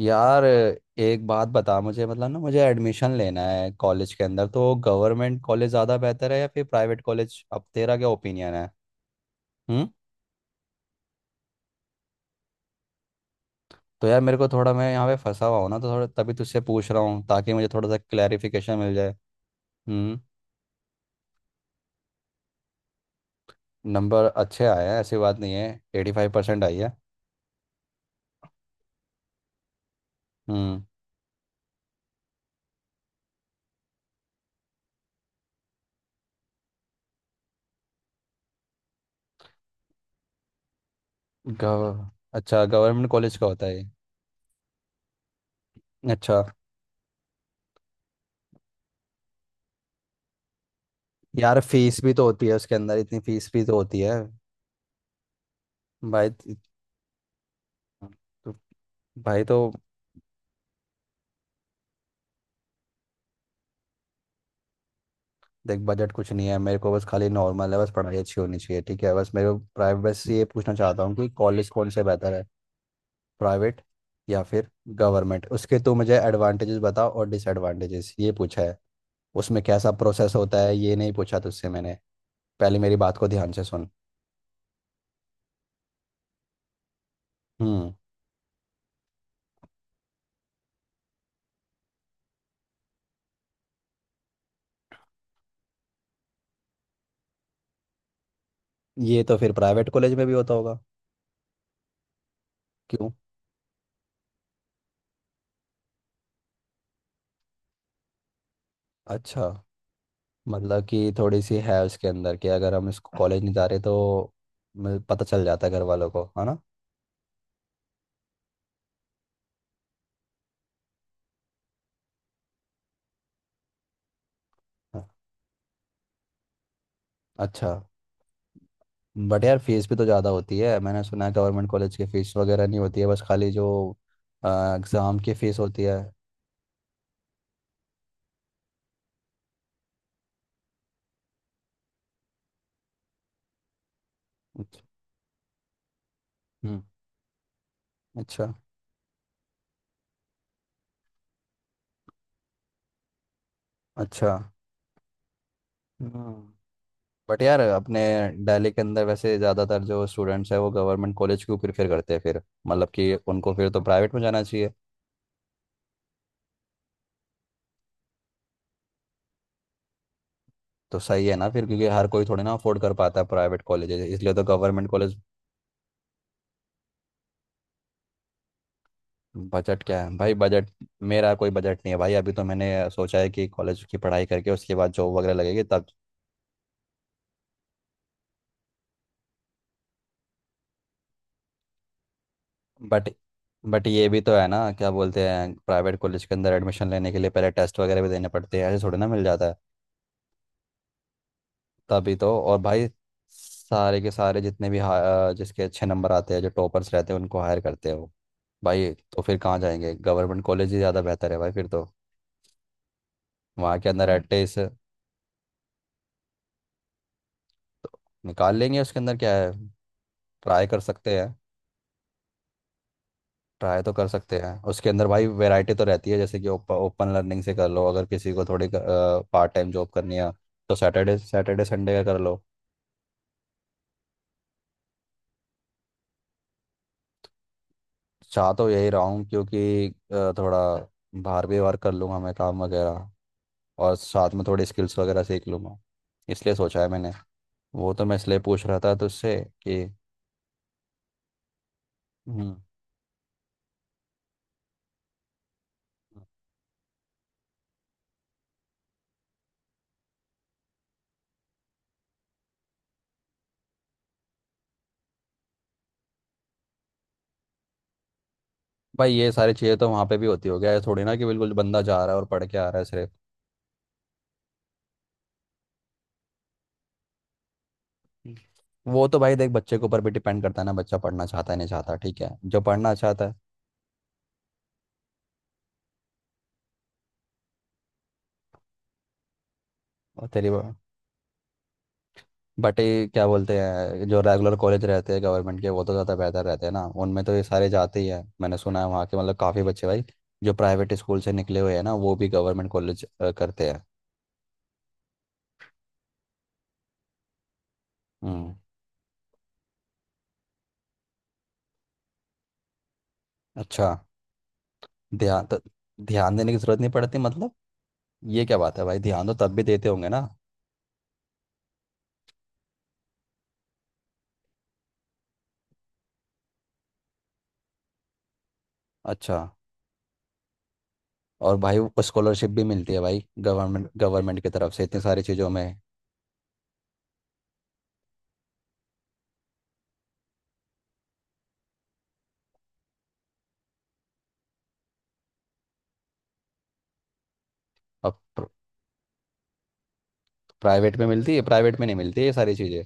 यार एक बात बता मुझे, मतलब ना मुझे एडमिशन लेना है कॉलेज के अंदर, तो गवर्नमेंट कॉलेज ज़्यादा बेहतर है या फिर प्राइवेट कॉलेज? अब तेरा क्या ओपिनियन है? हम्म। तो यार मेरे को थोड़ा, मैं यहाँ पे फंसा हुआ हूँ ना, तो थोड़ा तभी तुझसे पूछ रहा हूँ ताकि मुझे थोड़ा सा क्लैरिफिकेशन मिल जाए। हम्म। नंबर अच्छे आए हैं ऐसी बात नहीं है, 85% आई है। हम्म। गव अच्छा, गवर्नमेंट कॉलेज का होता है ये। अच्छा। यार फीस भी तो होती है उसके अंदर, इतनी फीस भी तो होती है। भाई तो भाई तो देख, बजट कुछ नहीं है मेरे को, बस खाली नॉर्मल है, बस पढ़ाई अच्छी होनी चाहिए। ठीक है, बस मेरे को प्राइवेट से ये पूछना चाहता हूँ कि कॉलेज कौन से बेहतर है, प्राइवेट या फिर गवर्नमेंट? उसके तो मुझे एडवांटेजेस बताओ और डिसएडवांटेजेस, ये पूछा है। उसमें कैसा प्रोसेस होता है ये नहीं पूछा तुझसे मैंने। पहले मेरी बात को ध्यान से सुन। हम्म। ये तो फिर प्राइवेट कॉलेज में भी होता होगा। क्यों? अच्छा। मतलब कि थोड़ी सी है उसके अंदर कि अगर हम इसको कॉलेज नहीं जा रहे तो मतलब पता चल जाता है घर वालों को, है ना? हाँ, अच्छा। बट यार फीस भी तो ज़्यादा होती है, मैंने सुना है गवर्नमेंट कॉलेज की फीस वगैरह नहीं होती है, बस खाली जो एग्ज़ाम की फीस होती है। हम्म। अच्छा। अच्छा। हम्म। बट यार अपने दिल्ली के अंदर वैसे ज़्यादातर जो स्टूडेंट्स हैं वो गवर्नमेंट कॉलेज क्यों प्रेफर करते हैं फिर? मतलब कि उनको फिर तो प्राइवेट में जाना चाहिए। तो सही है ना फिर, क्योंकि हर कोई थोड़ी ना अफोर्ड कर पाता है प्राइवेट कॉलेज, इसलिए तो गवर्नमेंट कॉलेज। बजट क्या है भाई, बजट? मेरा कोई बजट नहीं है भाई, अभी तो मैंने सोचा है कि कॉलेज की पढ़ाई करके उसके बाद जॉब वगैरह लगेगी तब। बट बट ये भी तो है ना, क्या बोलते हैं, प्राइवेट कॉलेज के अंदर एडमिशन लेने के लिए पहले टेस्ट वगैरह भी देने पड़ते हैं, ऐसे थोड़ी ना मिल जाता है। तभी तो, और भाई सारे के सारे जितने भी जिसके अच्छे नंबर आते हैं, जो टॉपर्स रहते हैं उनको हायर करते हैं वो। भाई तो फिर कहाँ जाएंगे, गवर्नमेंट कॉलेज ही ज़्यादा बेहतर है भाई फिर तो। वहाँ के अंदर एट निकाल लेंगे, उसके अंदर क्या है, ट्राई कर सकते हैं। ट्राई तो कर सकते हैं उसके अंदर भाई, वैरायटी तो रहती है, जैसे कि ओपन लर्निंग से कर लो अगर किसी को थोड़ी पार्ट टाइम जॉब करनी है तो सैटरडे सैटरडे संडे का कर लो। चाह तो यही रहा हूँ क्योंकि थोड़ा बाहर भी वर्क कर लूँगा मैं, काम वगैरह, और साथ में थोड़ी स्किल्स वगैरह सीख लूँगा, इसलिए सोचा है मैंने। वो तो मैं इसलिए पूछ रहा था तुझसे कि। हम्म। भाई ये सारी चीज़ें तो वहाँ पे भी होती, हो गया है थोड़ी ना कि बिल्कुल बंदा जा रहा है और पढ़ के आ रहा है सिर्फ। वो तो भाई देख, बच्चे के ऊपर भी डिपेंड करता है ना, बच्चा पढ़ना चाहता है नहीं चाहता, ठीक है जो पढ़ना चाहता है। और तेरी। बट ये क्या बोलते हैं, जो रेगुलर कॉलेज रहते हैं गवर्नमेंट के, वो तो ज़्यादा बेहतर रहते हैं ना, उनमें तो ये सारे जाते ही हैं, मैंने सुना है वहाँ के मतलब काफ़ी बच्चे भाई जो प्राइवेट स्कूल से निकले हुए हैं ना वो भी गवर्नमेंट कॉलेज करते हैं। हम्म। अच्छा। ध्यान तो ध्यान देने की ज़रूरत नहीं पड़ती, मतलब? ये क्या बात है भाई, ध्यान तो तब भी देते होंगे ना। अच्छा। और भाई स्कॉलरशिप भी मिलती है भाई, गवर्नमेंट, गवर्नमेंट की तरफ से इतनी सारी चीज़ों में। अब प्राइवेट में मिलती है, प्राइवेट में नहीं मिलती है ये सारी चीज़ें।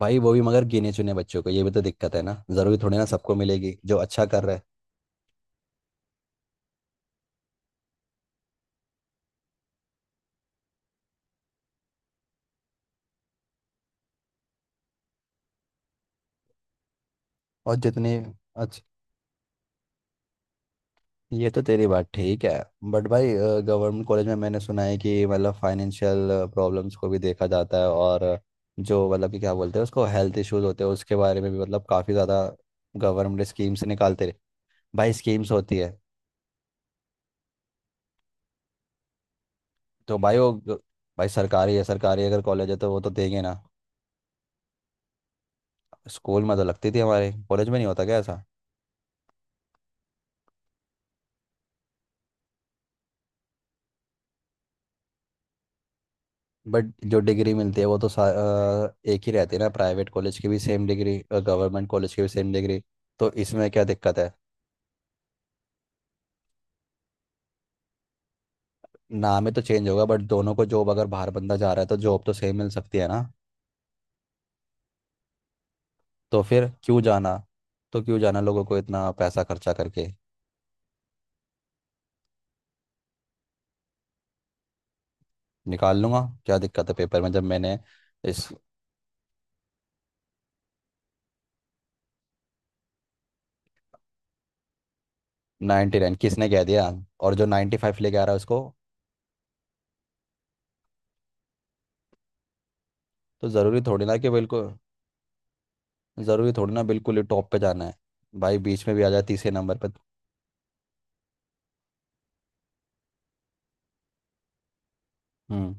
भाई वो भी मगर गिने चुने बच्चों को, ये भी तो दिक्कत है ना, ज़रूरी थोड़ी ना सबको मिलेगी जो अच्छा कर रहा है। और जितने। अच्छा, ये तो तेरी बात ठीक है। बट भाई गवर्नमेंट कॉलेज में मैंने सुना है कि मतलब फाइनेंशियल प्रॉब्लम्स को भी देखा जाता है, और जो मतलब कि क्या बोलते हैं, उसको हेल्थ इश्यूज होते हैं उसके बारे में भी मतलब काफ़ी ज़्यादा गवर्नमेंट स्कीम्स निकालते रहे। भाई स्कीम्स होती है। तो भाई वो भाई सरकारी है, सरकारी अगर कॉलेज है तो वो तो देंगे ना। स्कूल में तो लगती थी हमारे, कॉलेज में नहीं होता क्या ऐसा? बट जो डिग्री मिलती है वो तो एक ही रहती है ना, प्राइवेट कॉलेज की भी सेम डिग्री और गवर्नमेंट कॉलेज की भी सेम डिग्री, तो इसमें क्या दिक्कत है? नाम ही तो चेंज होगा, बट दोनों को जॉब अगर बाहर बंदा जा रहा है तो जॉब तो सेम मिल सकती है ना। तो फिर क्यों जाना? तो क्यों जाना लोगों को इतना पैसा खर्चा करके? निकाल लूंगा, क्या दिक्कत है पेपर में जब मैंने। इस। 99 किसने कह दिया? और जो 95 लेके आ रहा है उसको? तो ज़रूरी थोड़ी ना कि बिल्कुल, ज़रूरी थोड़ी ना बिल्कुल ही टॉप पे जाना है, भाई बीच में भी आ जाए तीसरे नंबर पर। हम्म।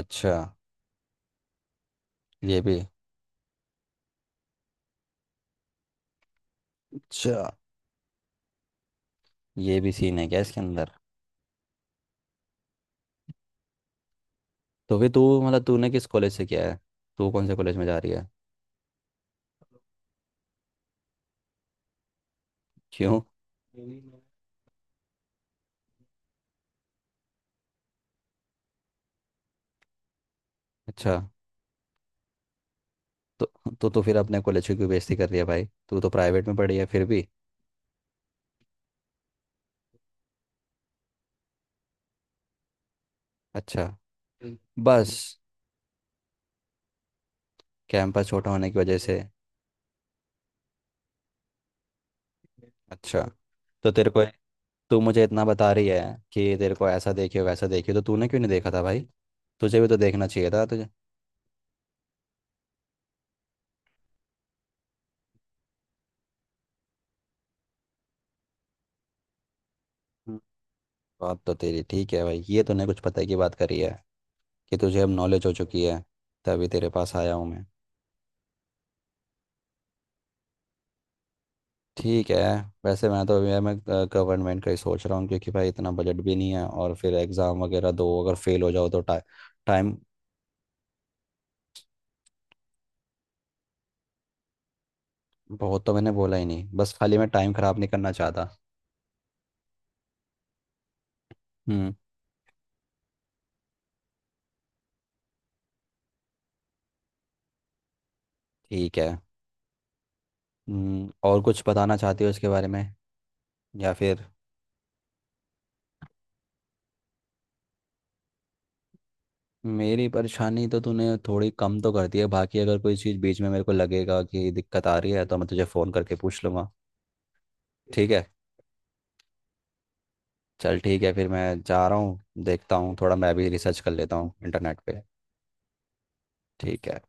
अच्छा। ये भी अच्छा ये भी सीन है क्या इसके अंदर? तो फिर तू मतलब तूने किस कॉलेज से किया है, तू कौन से कॉलेज में जा रही है? क्यों? अच्छा। तो तो फिर अपने कॉलेज की क्यों बेइज्जती कर रही है भाई, तू तो प्राइवेट में पढ़ी है फिर भी। अच्छा। बस कैंपस छोटा होने की वजह से? अच्छा। तो तेरे को, तू मुझे इतना बता रही है कि तेरे को ऐसा देखियो वैसा देखियो, तो तूने क्यों नहीं देखा था भाई? तुझे भी तो देखना चाहिए था तुझे। हम्म। बात तो तेरी ठीक है भाई, ये तूने कुछ पता की बात करी है कि तुझे अब नॉलेज हो चुकी है, तभी तेरे पास आया हूँ मैं। ठीक है। वैसे मैं तो अभी, मैं गवर्नमेंट का ही सोच रहा हूँ क्योंकि भाई इतना बजट भी नहीं है, और फिर एग्ज़ाम वगैरह दो अगर फेल हो जाओ तो टाइम। बहुत तो मैंने बोला ही नहीं, बस खाली मैं टाइम ख़राब नहीं करना चाहता। हम्म। ठीक है। और कुछ बताना चाहती हो इसके बारे में या फिर? मेरी परेशानी तो तूने थोड़ी कम तो कर दी है, बाकी अगर कोई चीज़ बीच में मेरे को लगेगा कि दिक्कत आ रही है तो मैं तुझे फ़ोन करके पूछ लूँगा। ठीक है। चल ठीक है, फिर मैं जा रहा हूँ, देखता हूँ, थोड़ा मैं भी रिसर्च कर लेता हूँ इंटरनेट पे। ठीक है।